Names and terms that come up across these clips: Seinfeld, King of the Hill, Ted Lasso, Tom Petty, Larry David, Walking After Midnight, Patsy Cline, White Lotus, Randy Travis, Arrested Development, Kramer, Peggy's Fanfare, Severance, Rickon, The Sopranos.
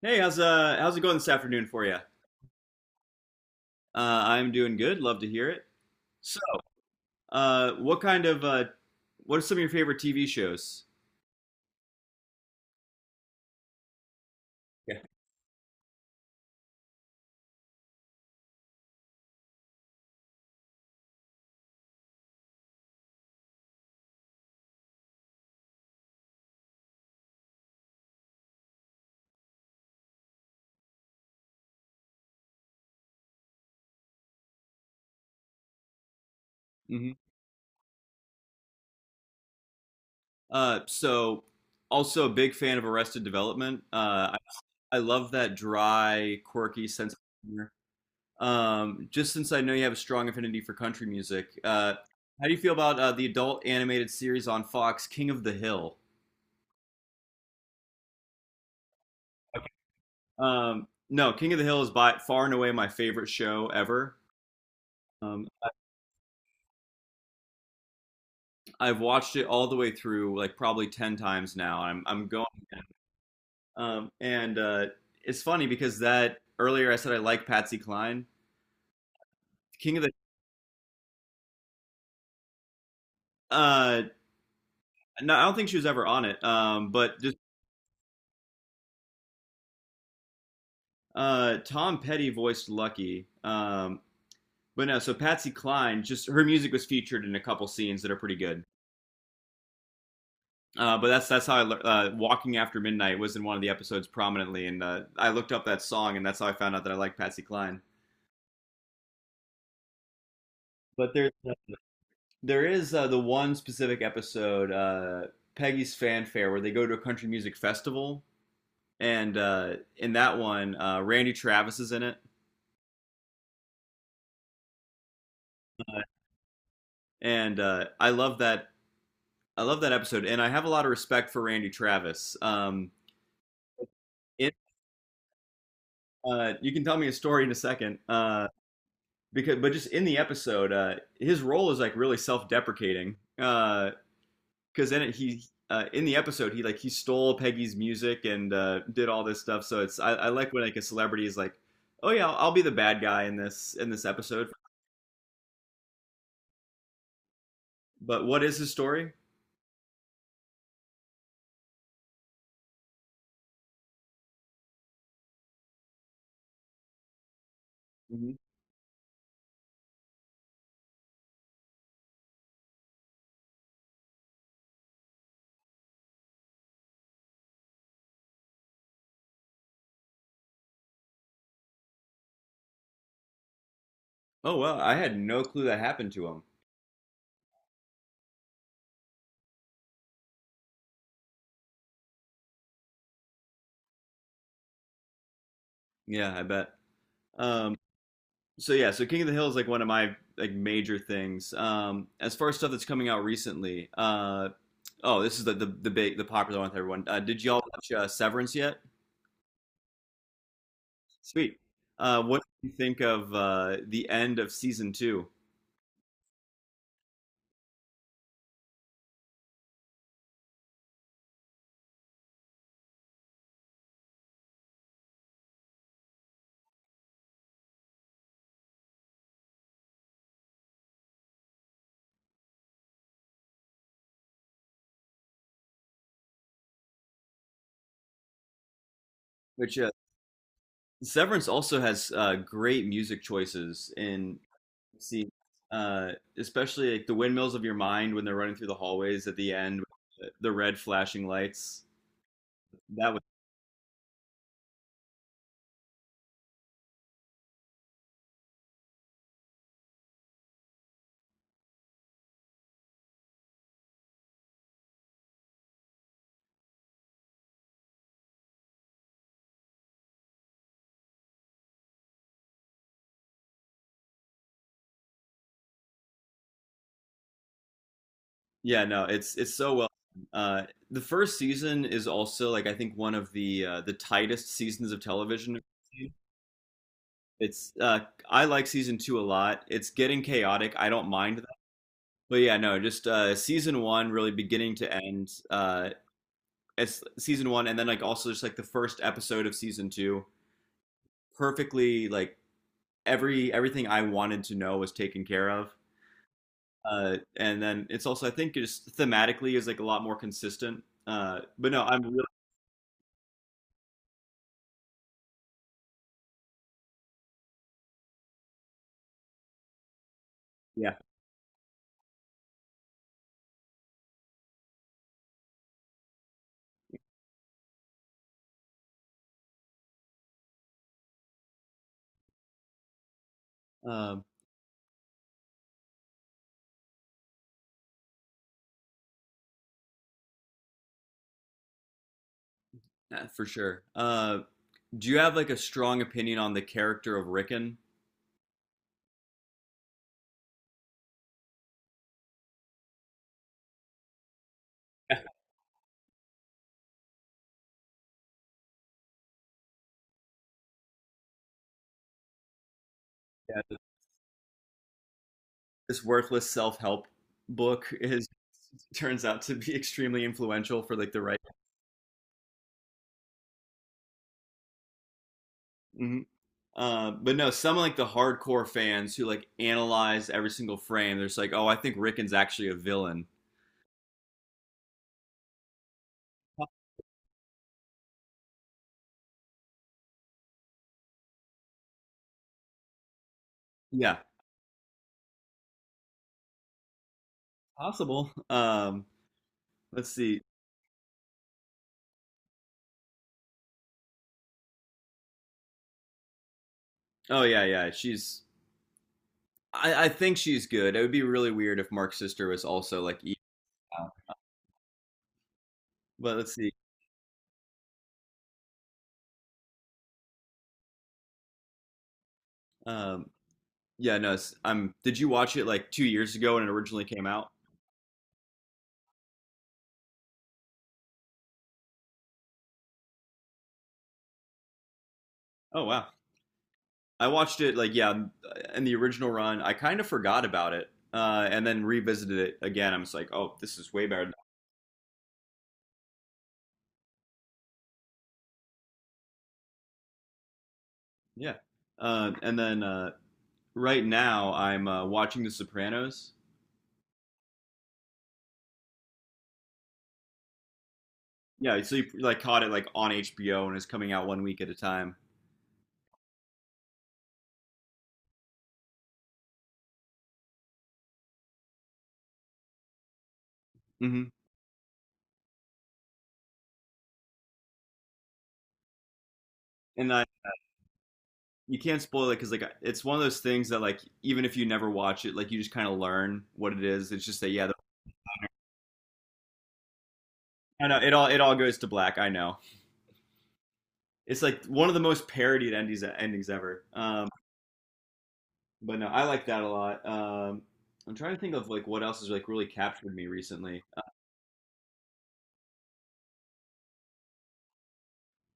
Hey, how's how's it going this afternoon for you? I'm doing good. Love to hear it. So, what kind of what are some of your favorite TV shows? Yeah. hmm Uh, so Also a big fan of Arrested Development. I love that dry, quirky sense of humor. Just since I know you have a strong affinity for country music, how do you feel about the adult animated series on Fox, King of the Hill? No, King of the Hill is by far and away my favorite show ever. Um, I've watched it all the way through, like probably ten times now. I'm going, and it's funny because that earlier I said I like Patsy Cline, King of the. Uh, no, I don't think she was ever on it. But just Tom Petty voiced Lucky. But no, so Patsy Cline, just her music was featured in a couple scenes that are pretty good. But that's how I Walking After Midnight was in one of the episodes prominently, and I looked up that song, and that's how I found out that I like Patsy Cline. But there's There is the one specific episode, Peggy's Fanfare, where they go to a country music festival, and in that one, Randy Travis is in it, and I love that. I love that episode, and I have a lot of respect for Randy Travis. It, you can tell me a story in a second, because but just in the episode, his role is like really self-deprecating. Because in it he In the episode he like he stole Peggy's music and did all this stuff. So it's I like when like a celebrity is like, oh yeah, I'll be the bad guy in this episode. But what is his story? Mhm. Oh well, I had no clue that happened to him. Yeah, I bet. Um, yeah, so King of the Hill is like one of my like major things. As far as stuff that's coming out recently, oh, this is the big the popular one with everyone. Did y'all watch Severance yet? Sweet. What do you think of the end of season two? Which Severance also has great music choices in see, uh, especially like the windmills of your mind when they're running through the hallways at the end, with the red flashing lights. That was Yeah, no, it's so well. Uh, the first season is also like I think one of the tightest seasons of television. It's I like season two a lot. It's getting chaotic. I don't mind But yeah, no, just season one really beginning to end. It's season one and then like also just like the first episode of season two. Perfectly like everything I wanted to know was taken care of. And then it's also I think just thematically is like a lot more consistent. But no, I'm really Yeah. Um yeah, for sure. Do you have like a strong opinion on the character of Rickon? Yeah, this worthless self-help book is turns out to be extremely influential for like the Mhm. But no, some like the hardcore fans who like analyze every single frame, they're just like, oh, I think Rickon's actually a villain. Yeah, possible. Let's see. Oh yeah, yeah. She's. I think she's good. It would be really weird if Mark's sister was also like evil. But let's see. Um, yeah, no. It's, am Did you watch it like 2 years ago when it originally came out? Oh wow. I watched it like yeah in the original run. I kind of forgot about it and then revisited it again. I'm just like, oh, this is way better. Yeah. And then Right now I'm watching The Sopranos. Yeah, so you like caught it like on HBO and it's coming out one week at a time. hmm And I You can't spoil it because like it's one of those things that like even if you never watch it, like you just kind of learn what it is. It's just that yeah, the, I know it all goes to black. I know it's like one of the most parodied endings ever. But no, I like that a lot. I'm trying to think of like what else has like really captured me recently.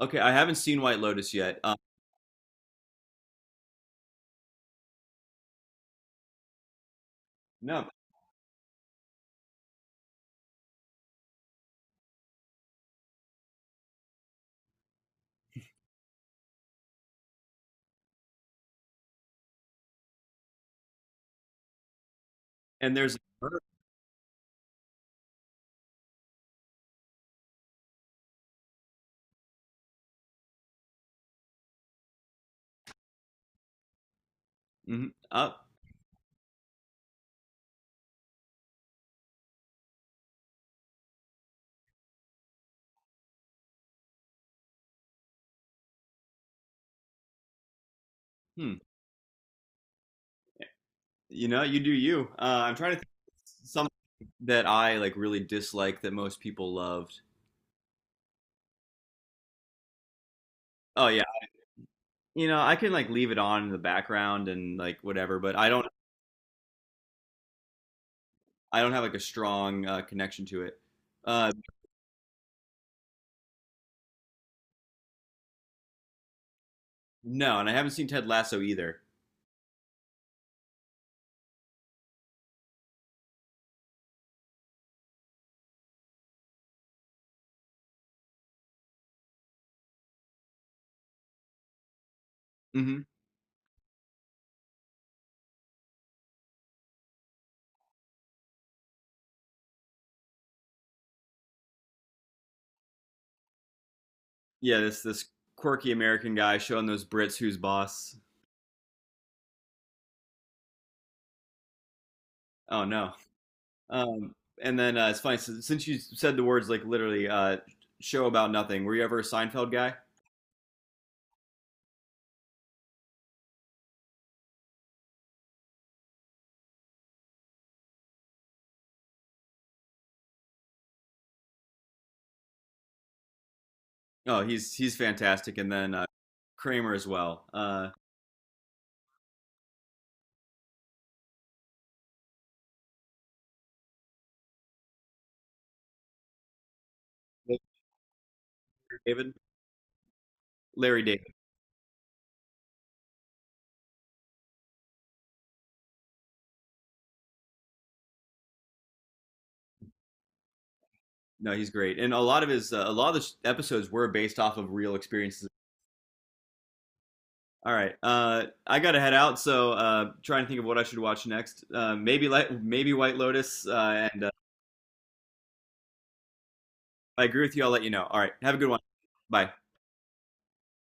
Okay, I haven't seen White Lotus yet. No, and there's mhm. Hmm. You know, you do you. I'm trying to think of something that I like really dislike that most people loved. Oh yeah, you know, I can like leave it on in the background and like whatever, but I don't have like a strong connection to it. Uh, no, and I haven't seen Ted Lasso either. hmm Yeah, this quirky American guy showing those Brits who's boss. Oh no. Um, and then It's funny since you said the words like literally show about nothing. Were you ever a Seinfeld guy? Oh, he's fantastic, and then Kramer as well. David, Larry David. No, he's great, and a lot of his a lot of the episodes were based off of real experiences. All right, I gotta head out, so trying to think of what I should watch next. Maybe White Lotus, and if I agree with you. I'll let you know. All right, have a good one. Bye.